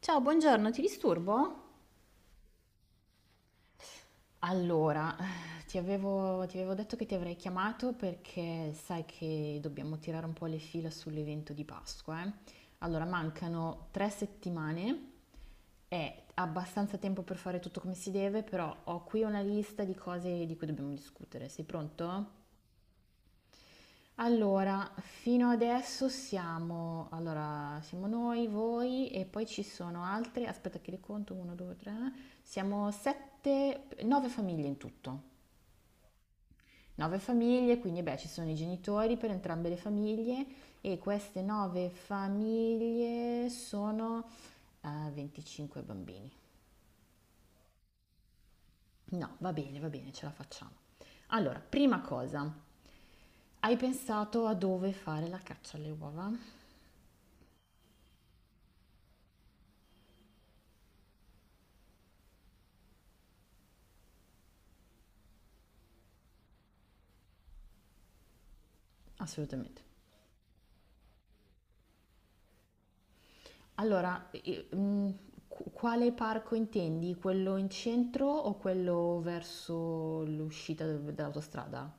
Ciao, buongiorno, ti disturbo? Allora, ti avevo detto che ti avrei chiamato perché sai che dobbiamo tirare un po' le fila sull'evento di Pasqua, eh. Allora, mancano 3 settimane, è abbastanza tempo per fare tutto come si deve, però ho qui una lista di cose di cui dobbiamo discutere. Sei pronto? Allora, fino adesso siamo, allora, siamo noi, voi e poi ci sono altre, aspetta che li conto, 1, 2, 3, siamo 7, 9 famiglie in tutto. 9 famiglie, quindi beh, ci sono i genitori per entrambe le famiglie e queste 9 famiglie sono 25 bambini. No, va bene, ce la facciamo. Allora, prima cosa, hai pensato a dove fare la caccia alle uova? Assolutamente. Allora, quale parco intendi? Quello in centro o quello verso l'uscita dall'autostrada?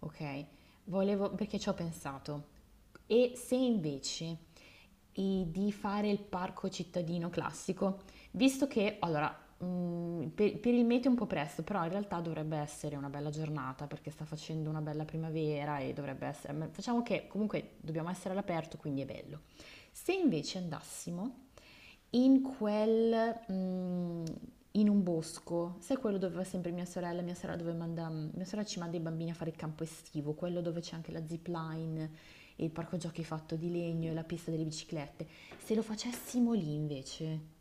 Ok, volevo perché ci ho pensato. E se invece di fare il parco cittadino classico, visto che allora per il meteo è un po' presto, però in realtà dovrebbe essere una bella giornata perché sta facendo una bella primavera e dovrebbe essere, ma facciamo che comunque dobbiamo essere all'aperto, quindi è bello. Se invece andassimo in quel, mhmm, in un bosco, sai quello dove va sempre mia sorella dove manda mia sorella ci manda i bambini a fare il campo estivo, quello dove c'è anche la zip line e il parco giochi fatto di legno e la pista delle biciclette. Se lo facessimo lì invece.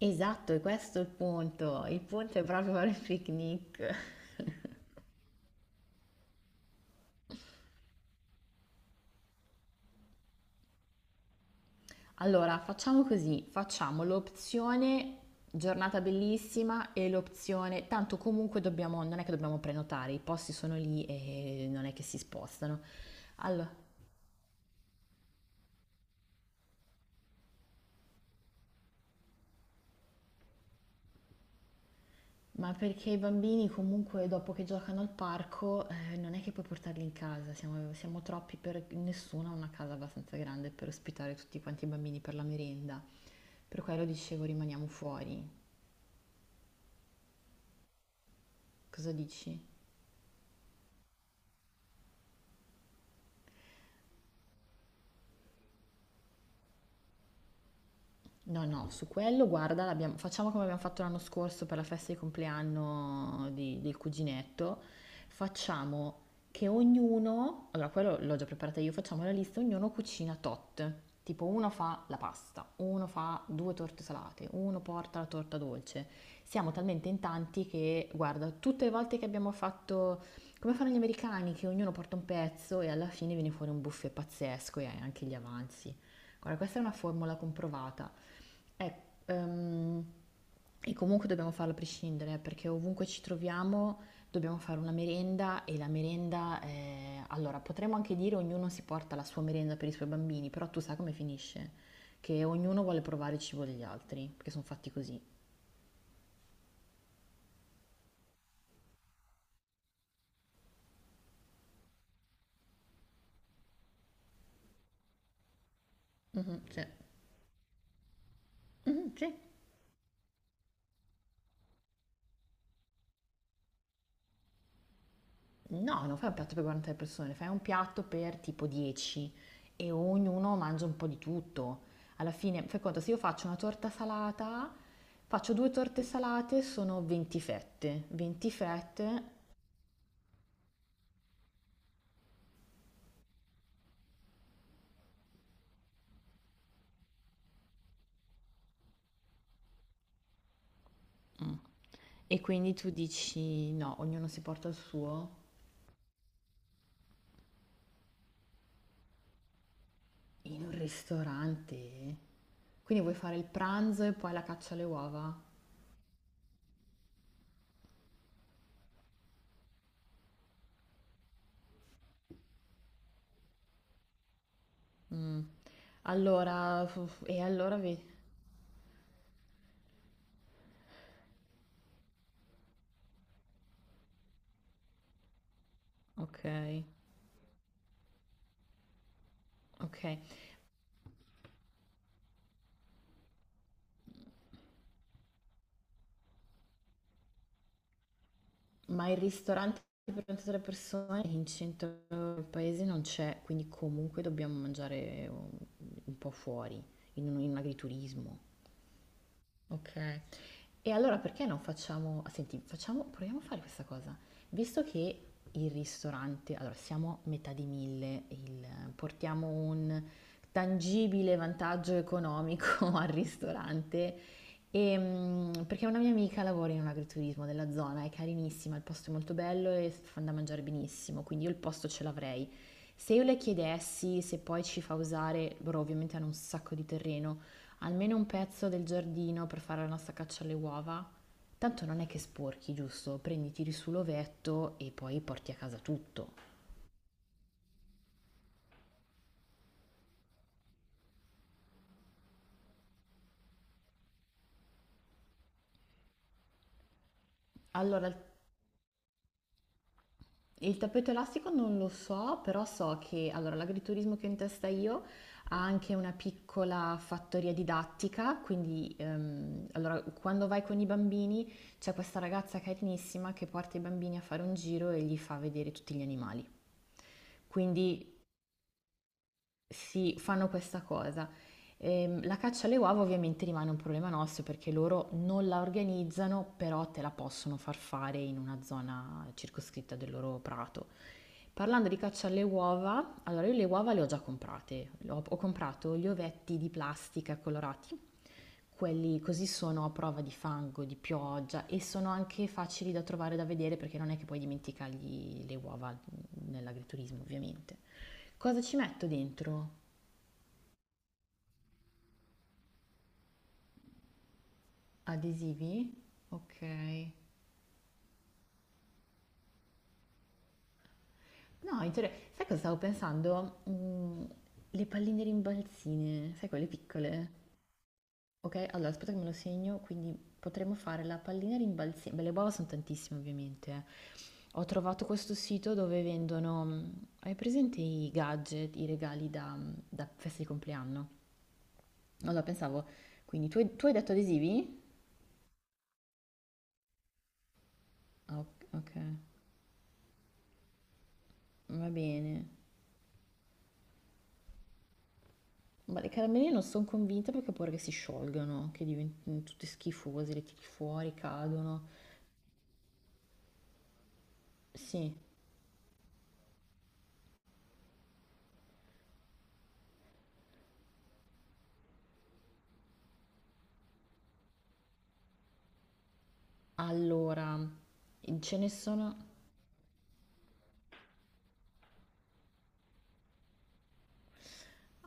Esatto, e questo è il punto. Il punto è proprio fare il picnic. Allora, facciamo così, facciamo l'opzione giornata bellissima e l'opzione, tanto comunque dobbiamo, non è che dobbiamo prenotare, i posti sono lì e non è che si spostano. Allora, ma perché i bambini comunque dopo che giocano al parco, non è che puoi portarli in casa, siamo troppi per nessuno, ha una casa abbastanza grande per ospitare tutti quanti i bambini per la merenda. Per quello dicevo rimaniamo fuori. Cosa dici? No, no, su quello guarda, facciamo come abbiamo fatto l'anno scorso per la festa di compleanno del cuginetto. Facciamo che ognuno, allora quello l'ho già preparata io, facciamo la lista, ognuno cucina tot. Tipo uno fa la pasta, uno fa due torte salate, uno porta la torta dolce. Siamo talmente in tanti che, guarda, tutte le volte che abbiamo fatto, come fanno gli americani, che ognuno porta un pezzo e alla fine viene fuori un buffet pazzesco e hai anche gli avanzi. Guarda, questa è una formula comprovata. Eh, ehm, e comunque dobbiamo farlo a prescindere, perché ovunque ci troviamo dobbiamo fare una merenda e la merenda, allora potremmo anche dire ognuno si porta la sua merenda per i suoi bambini, però tu sai come finisce, che ognuno vuole provare il cibo degli altri, perché sono fatti così. Mhm, sì. Mhm, sì. No, non fai un piatto per 40 persone, fai un piatto per tipo 10 e ognuno mangia un po' di tutto. Alla fine, fai conto, se io faccio una torta salata, faccio due torte salate, sono 20 fette. 20 fette, mm. e quindi tu dici no, ognuno si porta il suo in un ristorante. Quindi vuoi fare il pranzo e poi la caccia alle uova? Mm. Allora, e allora vedi. Ok, ok. Ma il ristorante per 23 persone in centro al paese non c'è, quindi comunque dobbiamo mangiare un po' fuori, in un agriturismo. Ok. E allora perché non facciamo, senti, facciamo, proviamo a fare questa cosa. Visto che il ristorante, allora siamo a metà di mille, portiamo un tangibile vantaggio economico al ristorante, e, perché una mia amica lavora in un agriturismo della zona, è carinissima, il posto è molto bello e fanno da mangiare benissimo, quindi io il posto ce l'avrei. Se io le chiedessi se poi ci fa usare, loro ovviamente hanno un sacco di terreno, almeno un pezzo del giardino per fare la nostra caccia alle uova? Tanto non è che sporchi, giusto? Prendi, tiri su l'ovetto e poi porti a casa tutto. Allora, il tappeto elastico non lo so, però so che allora, l'agriturismo che ho in testa io ha anche una piccola fattoria didattica, quindi allora, quando vai con i bambini c'è questa ragazza carinissima che porta i bambini a fare un giro e gli fa vedere tutti gli animali. Quindi sì, fanno questa cosa. La caccia alle uova ovviamente rimane un problema nostro perché loro non la organizzano, però te la possono far fare in una zona circoscritta del loro prato. Parlando di caccia alle uova, allora io le uova le ho già comprate. Ho comprato gli ovetti di plastica colorati, quelli così sono a prova di fango, di pioggia e sono anche facili da trovare da vedere perché non è che puoi dimenticargli le uova nell'agriturismo, ovviamente. Cosa ci metto dentro? Adesivi? Ok. No, sai cosa stavo pensando? Le palline rimbalzine, sai quelle piccole? Ok, allora aspetta che me lo segno, quindi potremmo fare la pallina rimbalzina. Beh, le uova sono tantissime ovviamente. Eh. Ho trovato questo sito dove vendono, hai presente i gadget, i regali da festa di compleanno? Allora pensavo, quindi tu hai detto adesivi? Ah, ok, ok, va bene. Ma le caramelle non sono convinta perché ho paura che si sciolgano, che diventino tutte schifose, le tiri fuori, cadono. Sì, allora, ce ne sono.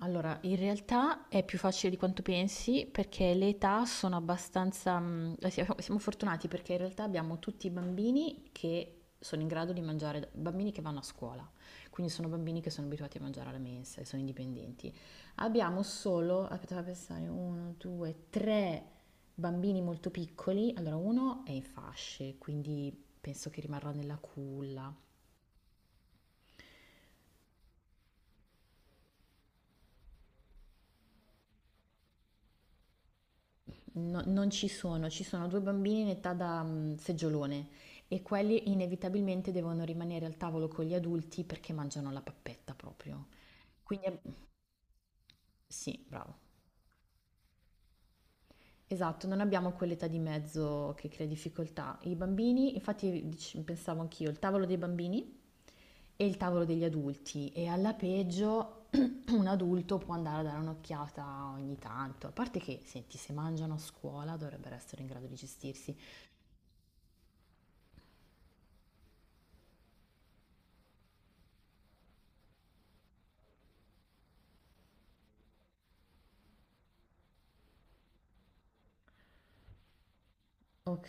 Allora, in realtà è più facile di quanto pensi perché le età sono abbastanza. Siamo fortunati perché in realtà abbiamo tutti i bambini che sono in grado di mangiare, bambini che vanno a scuola, quindi sono bambini che sono abituati a mangiare alla mensa e sono indipendenti. Abbiamo solo, aspetta, fammi pensare, uno, due, tre bambini molto piccoli. Allora, uno è in fasce, quindi penso che rimarrà nella culla. Non ci sono, ci sono due bambini in età da seggiolone e quelli inevitabilmente devono rimanere al tavolo con gli adulti perché mangiano la pappetta proprio. Quindi sì, bravo. Esatto, non abbiamo quell'età di mezzo che crea difficoltà. I bambini, infatti pensavo anch'io, il tavolo dei bambini e il tavolo degli adulti e alla peggio un adulto può andare a dare un'occhiata ogni tanto, a parte che, senti, se mangiano a scuola dovrebbero essere in grado di gestirsi. Ok.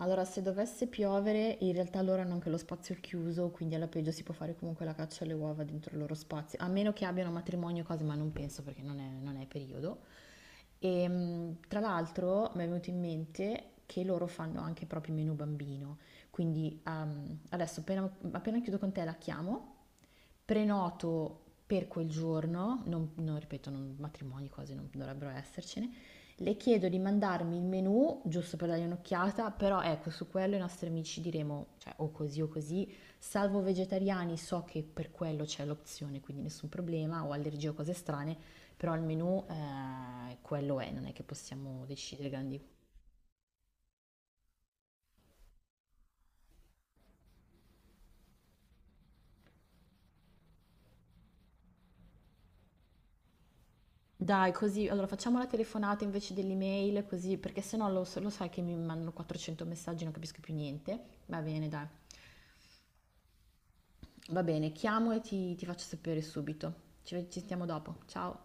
Allora, se dovesse piovere, in realtà loro hanno anche lo spazio chiuso, quindi alla peggio si può fare comunque la caccia alle uova dentro il loro spazio, a meno che abbiano matrimonio e cose, ma non penso perché non è periodo. E tra l'altro mi è venuto in mente che loro fanno anche proprio il menù bambino, quindi adesso appena chiudo con te la chiamo, prenoto per quel giorno, ripeto, matrimoni quasi non dovrebbero essercene, le chiedo di mandarmi il menù, giusto per dargli un'occhiata, però ecco, su quello i nostri amici diremo, cioè o così, salvo vegetariani, so che per quello c'è l'opzione, quindi nessun problema, o allergie o cose strane, però il menù quello è, non è che possiamo decidere grandi. Dai, così, allora facciamo la telefonata invece dell'email, così, perché sennò lo sai che mi mandano 400 messaggi, non capisco più niente. Va bene, dai. Va bene, chiamo e ti faccio sapere subito. Ci sentiamo dopo. Ciao.